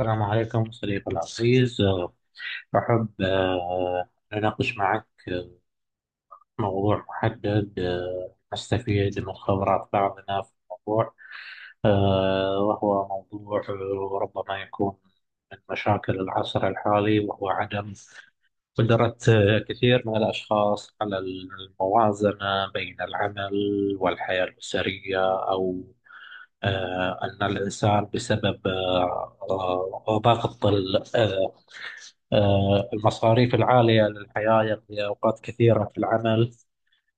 السلام عليكم صديقي العزيز أحب أناقش معك موضوع محدد، نستفيد من خبرات بعضنا في الموضوع، وهو موضوع ربما يكون من مشاكل العصر الحالي، وهو عدم قدرة كثير من الأشخاص على الموازنة بين العمل والحياة الأسرية. أو أن الإنسان بسبب ضغط المصاريف العالية للحياة يقضي أوقات كثيرة في العمل.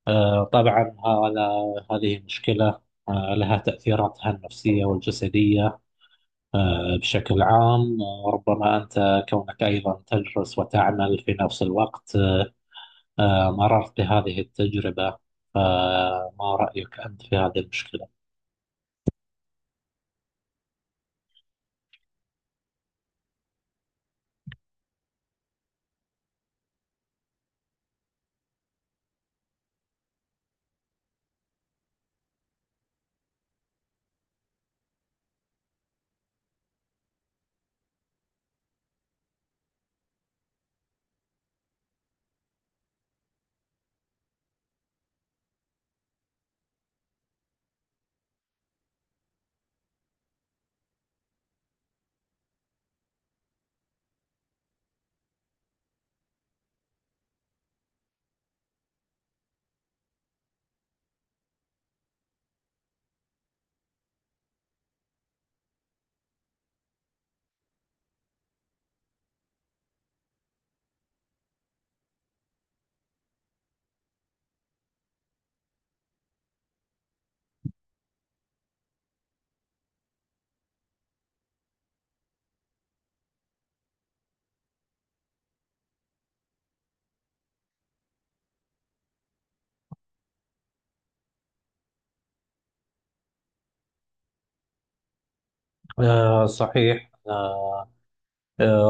طبعا هذه مشكلة لها تأثيراتها النفسية والجسدية بشكل عام. ربما أنت كونك أيضا تدرس وتعمل في نفس الوقت، مررت بهذه التجربة، فما رأيك أنت في هذه المشكلة؟ صحيح،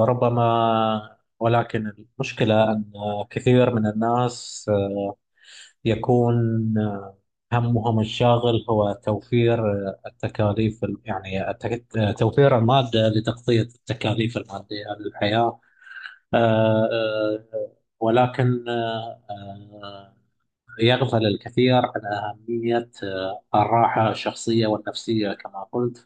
ربما، ولكن المشكلة أن كثير من الناس يكون همهم الشاغل هو توفير التكاليف توفير المادة لتغطية التكاليف المادية للحياة. آه، آه، ولكن يغفل الكثير عن أهمية الراحة الشخصية والنفسية كما قلت.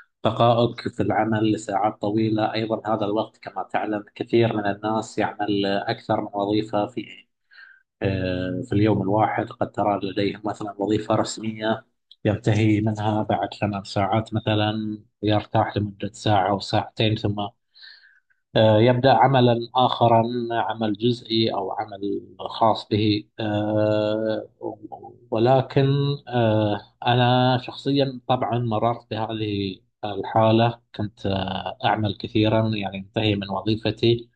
فبقائك في العمل لساعات طويلة أيضا، هذا الوقت كما تعلم كثير من الناس يعمل أكثر من وظيفة في في اليوم الواحد. قد ترى لديه مثلا وظيفة رسمية ينتهي منها بعد ثمان ساعات مثلا، يرتاح لمدة ساعة أو ساعتين، ثم يبدأ عملا آخرا، عمل جزئي أو عمل خاص به. ولكن آه، أنا شخصيا طبعا مررت بهذه الحالة. كنت أعمل كثيرا، يعني انتهي من وظيفتي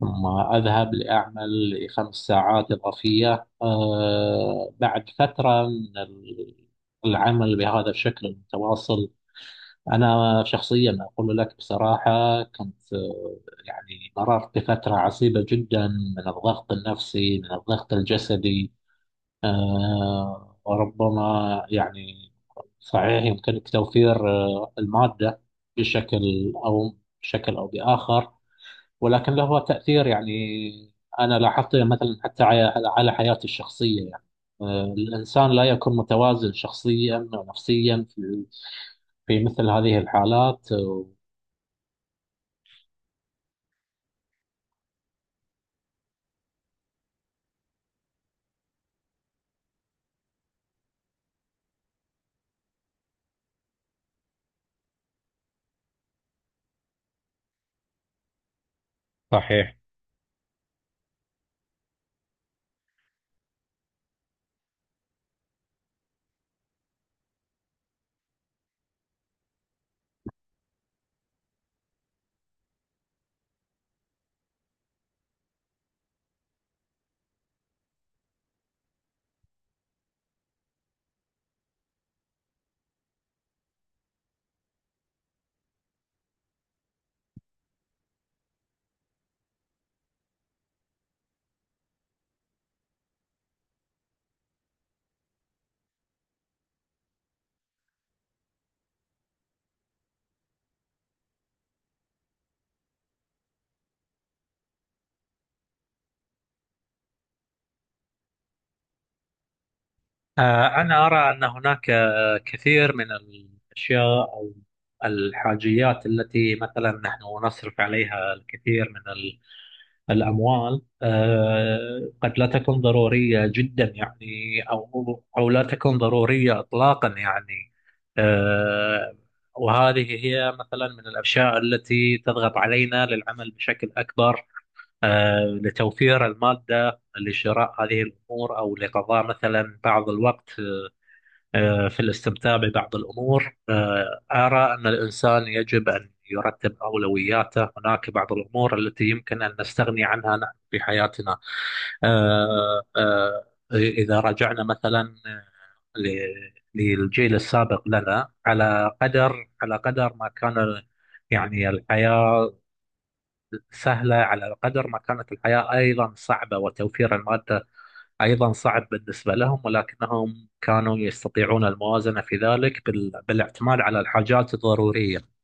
ثم أذهب لأعمل لخمس ساعات إضافية. بعد فترة من العمل بهذا الشكل المتواصل، أنا شخصيا أقول لك بصراحة، كنت يعني مررت بفترة عصيبة جدا من الضغط النفسي، من الضغط الجسدي. وربما يعني صحيح يمكنك توفير المادة بشكل أو بآخر، ولكن له تأثير. يعني أنا لاحظت مثلا حتى على حياتي الشخصية، يعني الإنسان لا يكون متوازن شخصيا أو نفسيا في مثل هذه الحالات. صحيح. أنا أرى أن هناك كثير من الأشياء أو الحاجيات التي مثلا نحن نصرف عليها الكثير من الأموال، قد لا تكون ضرورية جدا، يعني أو لا تكون ضرورية إطلاقا، يعني. آه، وهذه هي مثلا من الأشياء التي تضغط علينا للعمل بشكل أكبر، لتوفير المادة لشراء هذه الأمور، أو لقضاء مثلا بعض الوقت في الاستمتاع ببعض الأمور. أرى أن الإنسان يجب أن يرتب أولوياته، هناك بعض الأمور التي يمكن أن نستغني عنها نحن في حياتنا. آه، آه، إذا رجعنا مثلا للجيل السابق لنا، على قدر على قدر ما كان يعني الحياة سهلة، على قدر ما كانت الحياة أيضا صعبة، وتوفير المادة أيضا صعب بالنسبة لهم، ولكنهم كانوا يستطيعون الموازنة في ذلك بالاعتماد على الحاجات الضرورية.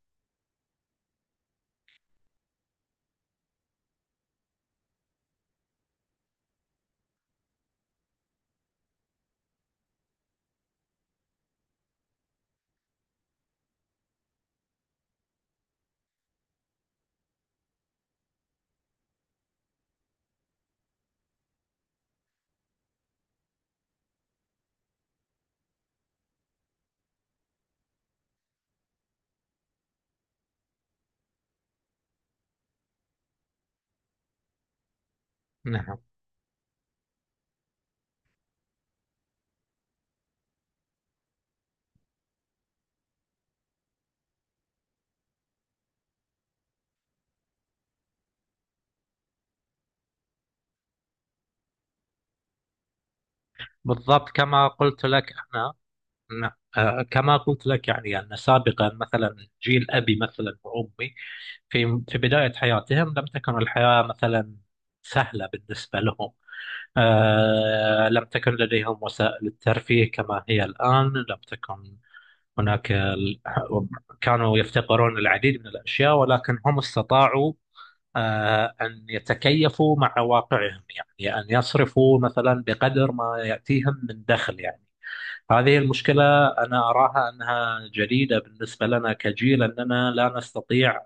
نعم، بالضبط كما قلت لك. أنا نعم. كما قلت لك، يعني أن سابقا مثلا جيل أبي مثلا وأمي، في بداية حياتهم لم تكن الحياة مثلا سهلة بالنسبة لهم. آه، لم تكن لديهم وسائل الترفيه كما هي الآن، لم تكن هناك كانوا يفتقرون العديد من الأشياء، ولكن هم استطاعوا أن يتكيفوا مع واقعهم، يعني أن يصرفوا مثلا بقدر ما يأتيهم من دخل. يعني هذه المشكلة أنا أراها أنها جديدة بالنسبة لنا كجيل، أننا لا نستطيع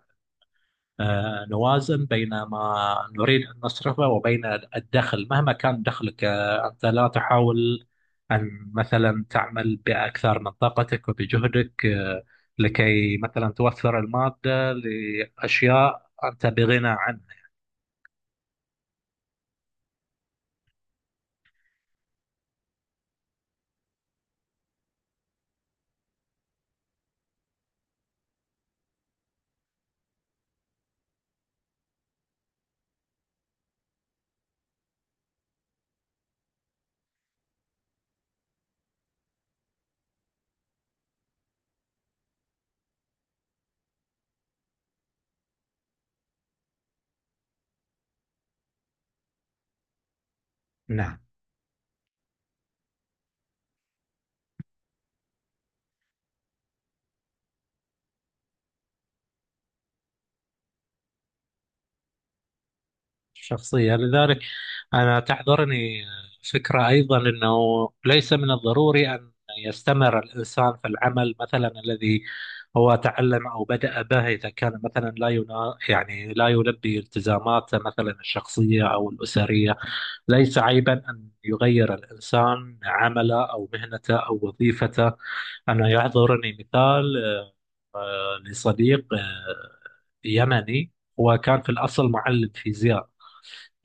نوازن بين ما نريد أن نصرفه وبين الدخل. مهما كان دخلك، أنت لا تحاول أن مثلا تعمل بأكثر من طاقتك وبجهدك، لكي مثلا توفر المادة لأشياء أنت بغنى عنها الشخصية. لذلك أنا تحضرني فكرة أيضا، أنه ليس من الضروري أن يستمر الإنسان في العمل مثلا الذي هو تعلم أو بدأ به، إذا كان مثلا لا ينا... يعني لا يلبي التزاماته مثلا الشخصية أو الأسرية. ليس عيبا أن يغير الإنسان عمله أو مهنته أو وظيفته. أنا يحضرني مثال لصديق يمني، هو كان في الأصل معلم فيزياء،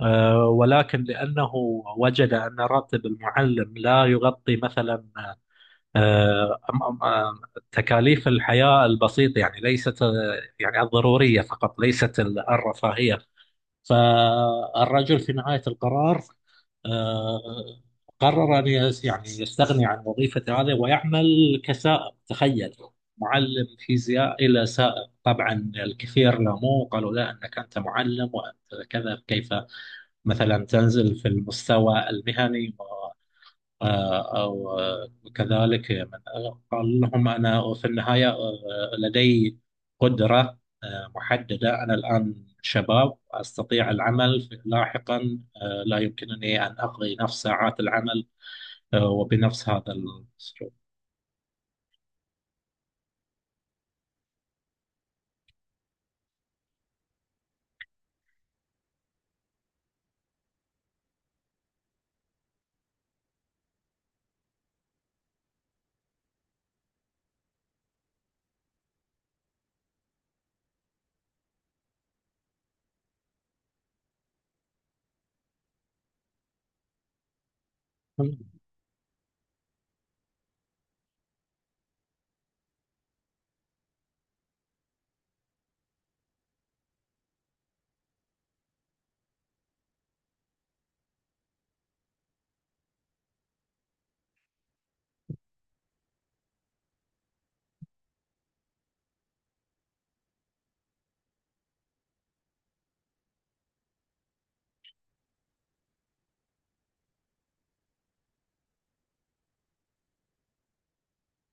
ولكن لأنه وجد أن راتب المعلم لا يغطي مثلا آه، أم- أم- آم، تكاليف الحياة البسيطة، يعني ليست يعني الضرورية فقط، ليست الرفاهية. فالرجل في نهاية القرار، آه، قرر أن يعني يستغني عن وظيفة هذا، ويعمل كسائق. تخيل، معلم فيزياء إلى سائق! طبعا الكثير لاموه، قالوا لا، أنك أنت معلم وأنت كذا، كيف مثلا تنزل في المستوى المهني؟ و آه، أو آه، كذلك من قال لهم: أنا في النهاية لدي قدرة محددة، أنا الآن شباب أستطيع العمل، لاحقا لا يمكنني أن أقضي نفس ساعات العمل وبنفس هذا الأسلوب.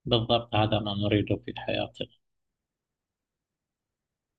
بالضبط، هذا ما نريده في حياتنا.